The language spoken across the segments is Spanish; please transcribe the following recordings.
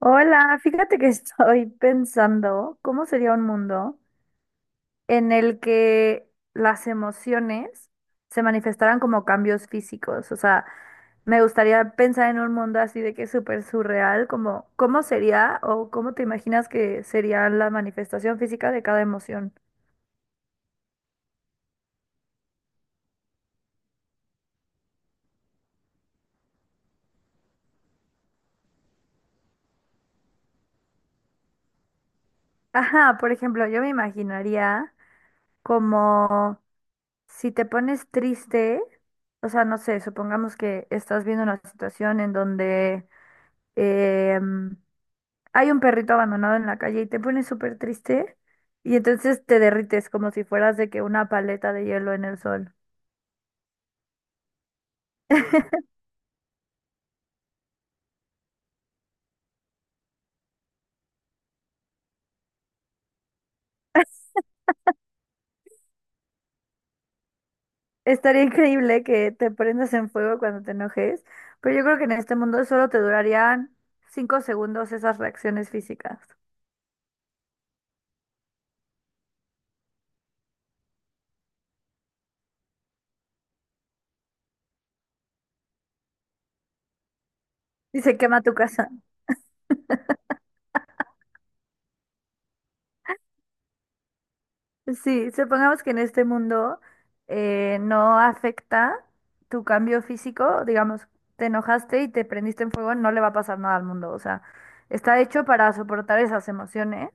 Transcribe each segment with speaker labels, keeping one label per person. Speaker 1: Hola, fíjate que estoy pensando cómo sería un mundo en el que las emociones se manifestaran como cambios físicos. O sea, me gustaría pensar en un mundo así de que es súper surreal, como cómo sería o cómo te imaginas que sería la manifestación física de cada emoción. Ajá, por ejemplo, yo me imaginaría como si te pones triste, o sea, no sé, supongamos que estás viendo una situación en donde... em, hay un perrito abandonado en la calle y te pones súper triste y entonces te derrites como si fueras de que una paleta de hielo en el sol. Estaría increíble que te prendas en fuego cuando te enojes, pero yo creo que en este mundo solo te durarían 5 segundos esas reacciones físicas. Y se quema tu casa. Sí, supongamos que en este mundo no afecta tu cambio físico, digamos, te enojaste y te prendiste en fuego, no le va a pasar nada al mundo, o sea, está hecho para soportar esas emociones.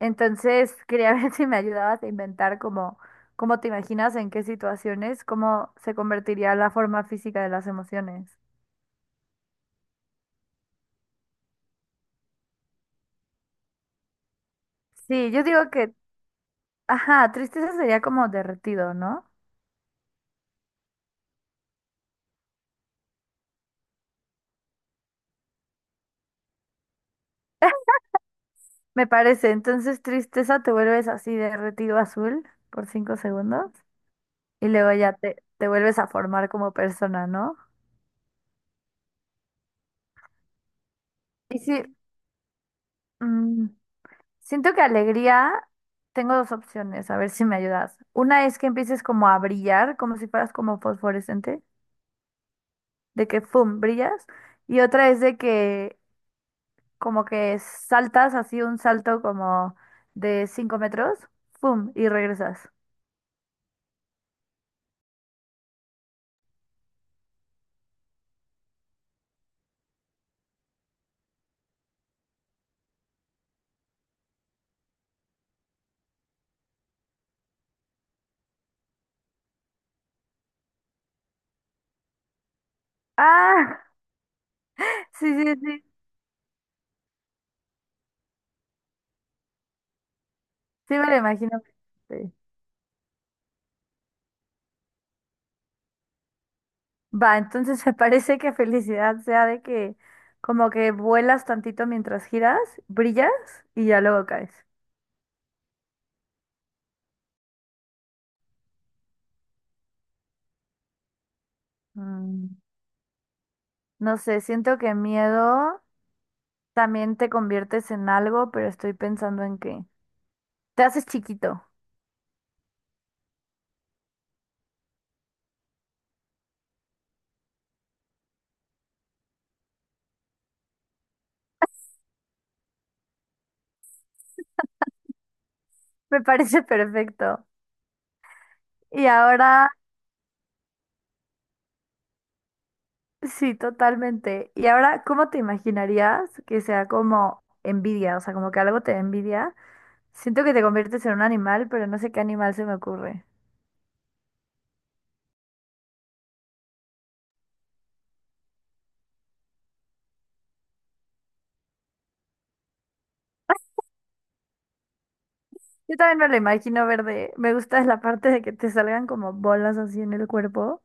Speaker 1: Entonces, quería ver si me ayudabas a inventar como cómo te imaginas, en qué situaciones, cómo se convertiría la forma física de las emociones. Sí, yo digo que, ajá, tristeza sería como derretido, ¿no? Me parece. Entonces, tristeza, te vuelves así derretido azul por 5 segundos y luego ya te vuelves a formar como persona, ¿no? Y sí, mm, siento que alegría, tengo dos opciones, a ver si me ayudas. Una es que empieces como a brillar, como si fueras como fosforescente, de que, ¡pum!, brillas. Y otra es de que como que saltas así un salto como de 5 metros, ¡pum!, y regresas. Ah, sí, sí, sí, sí me lo imagino. Sí. Va, entonces se parece que felicidad sea de que como que vuelas tantito mientras giras, brillas y ya luego caes. Mm, no sé, siento que miedo también te conviertes en algo, pero estoy pensando en que te haces chiquito. Me parece perfecto. Y ahora, sí, totalmente. Y ahora, ¿cómo te imaginarías que sea como envidia? O sea, como que algo te da envidia. Siento que te conviertes en un animal, pero no sé qué animal se me ocurre. Yo también me lo imagino verde. Me gusta la parte de que te salgan como bolas así en el cuerpo.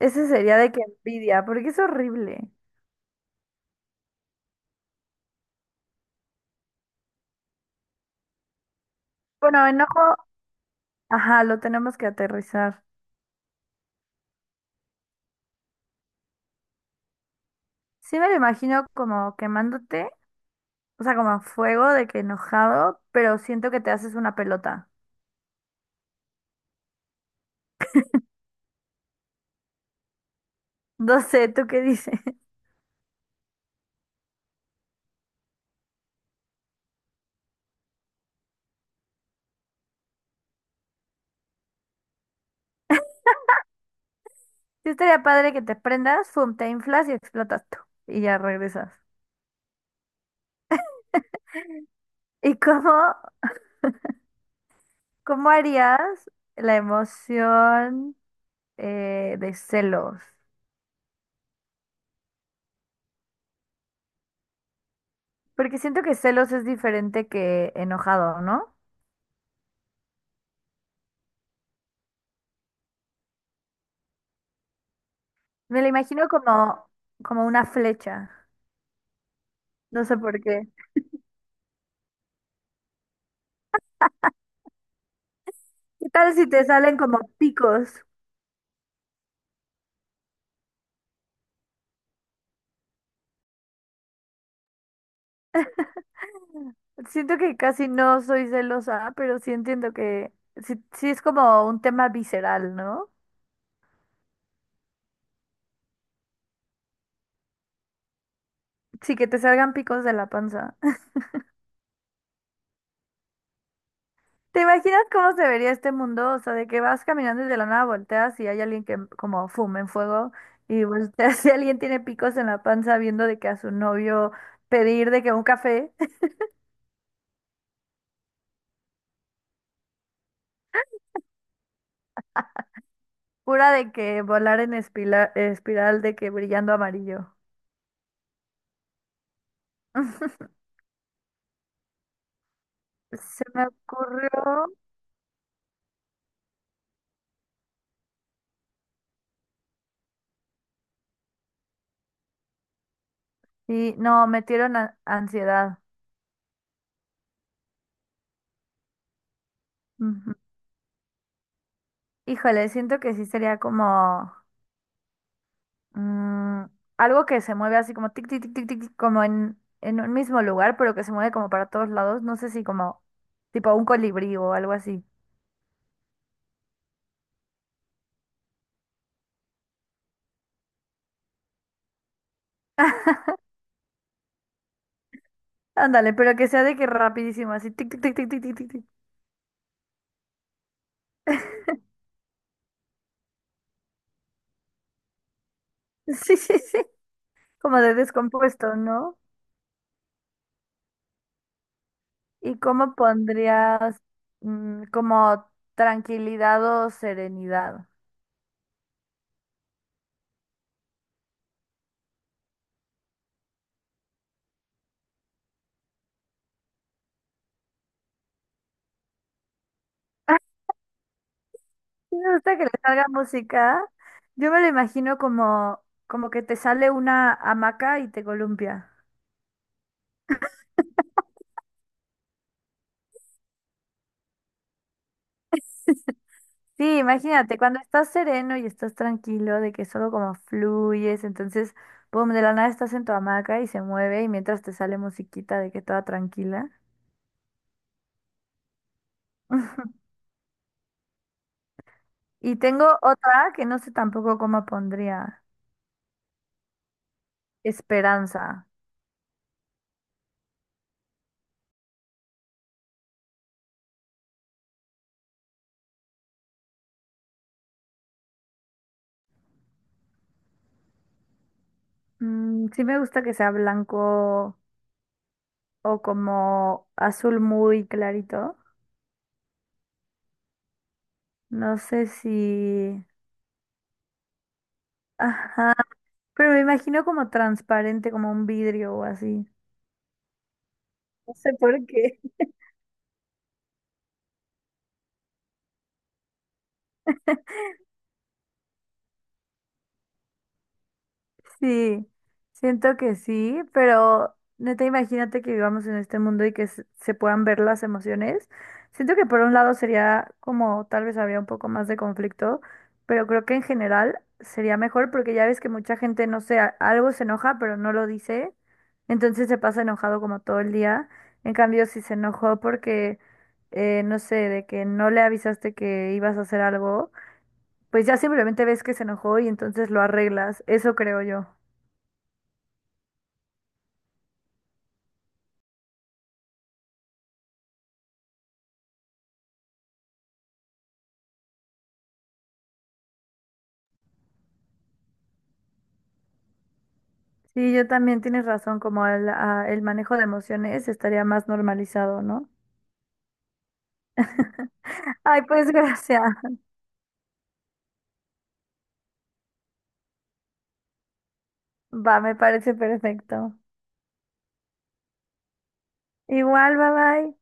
Speaker 1: Ese sería de que envidia, porque es horrible. Bueno, enojo, ajá, lo tenemos que aterrizar. Sí me lo imagino como quemándote, o sea, como a fuego de que enojado, pero siento que te haces una pelota. No sé, ¿tú qué dices? Sí estaría padre que te prendas, fum, te inflas y explotas tú. Y ya regresas. ¿Y cómo, cómo harías la emoción de celos? Porque siento que celos es diferente que enojado, ¿no? Me lo imagino como, como una flecha. No sé por qué. ¿Qué tal si te salen como picos? Siento que casi no soy celosa, pero sí entiendo que sí, sí es como un tema visceral, ¿no? Sí, que te salgan picos de la panza. ¿Te imaginas cómo se vería este mundo? O sea, de que vas caminando y de la nada volteas y hay alguien que como fuma en fuego y volteas y alguien tiene picos en la panza viendo de que a su novio pedir de que un café. Pura de que volar en espiral de que brillando amarillo. Se me ocurrió. Sí, no, metieron ansiedad. Ujú. Híjole, siento que sí sería como mm, algo que se mueve así como tic, tic, tic, tic, tic, tic, como en un mismo lugar, pero que se mueve como para todos lados. No sé si como tipo un colibrí o algo así. Ándale, pero que sea de que rapidísimo, así tic, tic, tic, tic, tic, tic, tic. Tic. Sí, sí, sí. Como de descompuesto, ¿no? ¿Y cómo pondrías como tranquilidad o serenidad? Sí. Me gusta que le salga música. Yo me lo imagino como, como que te sale una hamaca y te columpia. Sí, imagínate, cuando estás sereno y estás tranquilo, de que solo como fluyes, entonces, boom, de la nada estás en tu hamaca y se mueve y mientras te sale musiquita de que toda tranquila. Y tengo otra que no sé tampoco cómo pondría. Esperanza. Mm, sí me gusta que sea blanco o como azul muy clarito. No sé si... Ajá, pero me imagino como transparente, como un vidrio o así. No sé por qué. Sí, siento que sí, pero neta, imagínate que vivamos en este mundo y que se puedan ver las emociones. Siento que por un lado sería como tal vez habría un poco más de conflicto, pero creo que en general sería mejor porque ya ves que mucha gente, no sé, algo se enoja, pero no lo dice, entonces se pasa enojado como todo el día. En cambio, si se enojó porque, no sé, de que no le avisaste que ibas a hacer algo, pues ya simplemente ves que se enojó y entonces lo arreglas. Eso creo yo. Sí, yo también tienes razón, como el, el manejo de emociones estaría más normalizado, ¿no? Ay, pues gracias. Va, me parece perfecto. Igual, bye bye.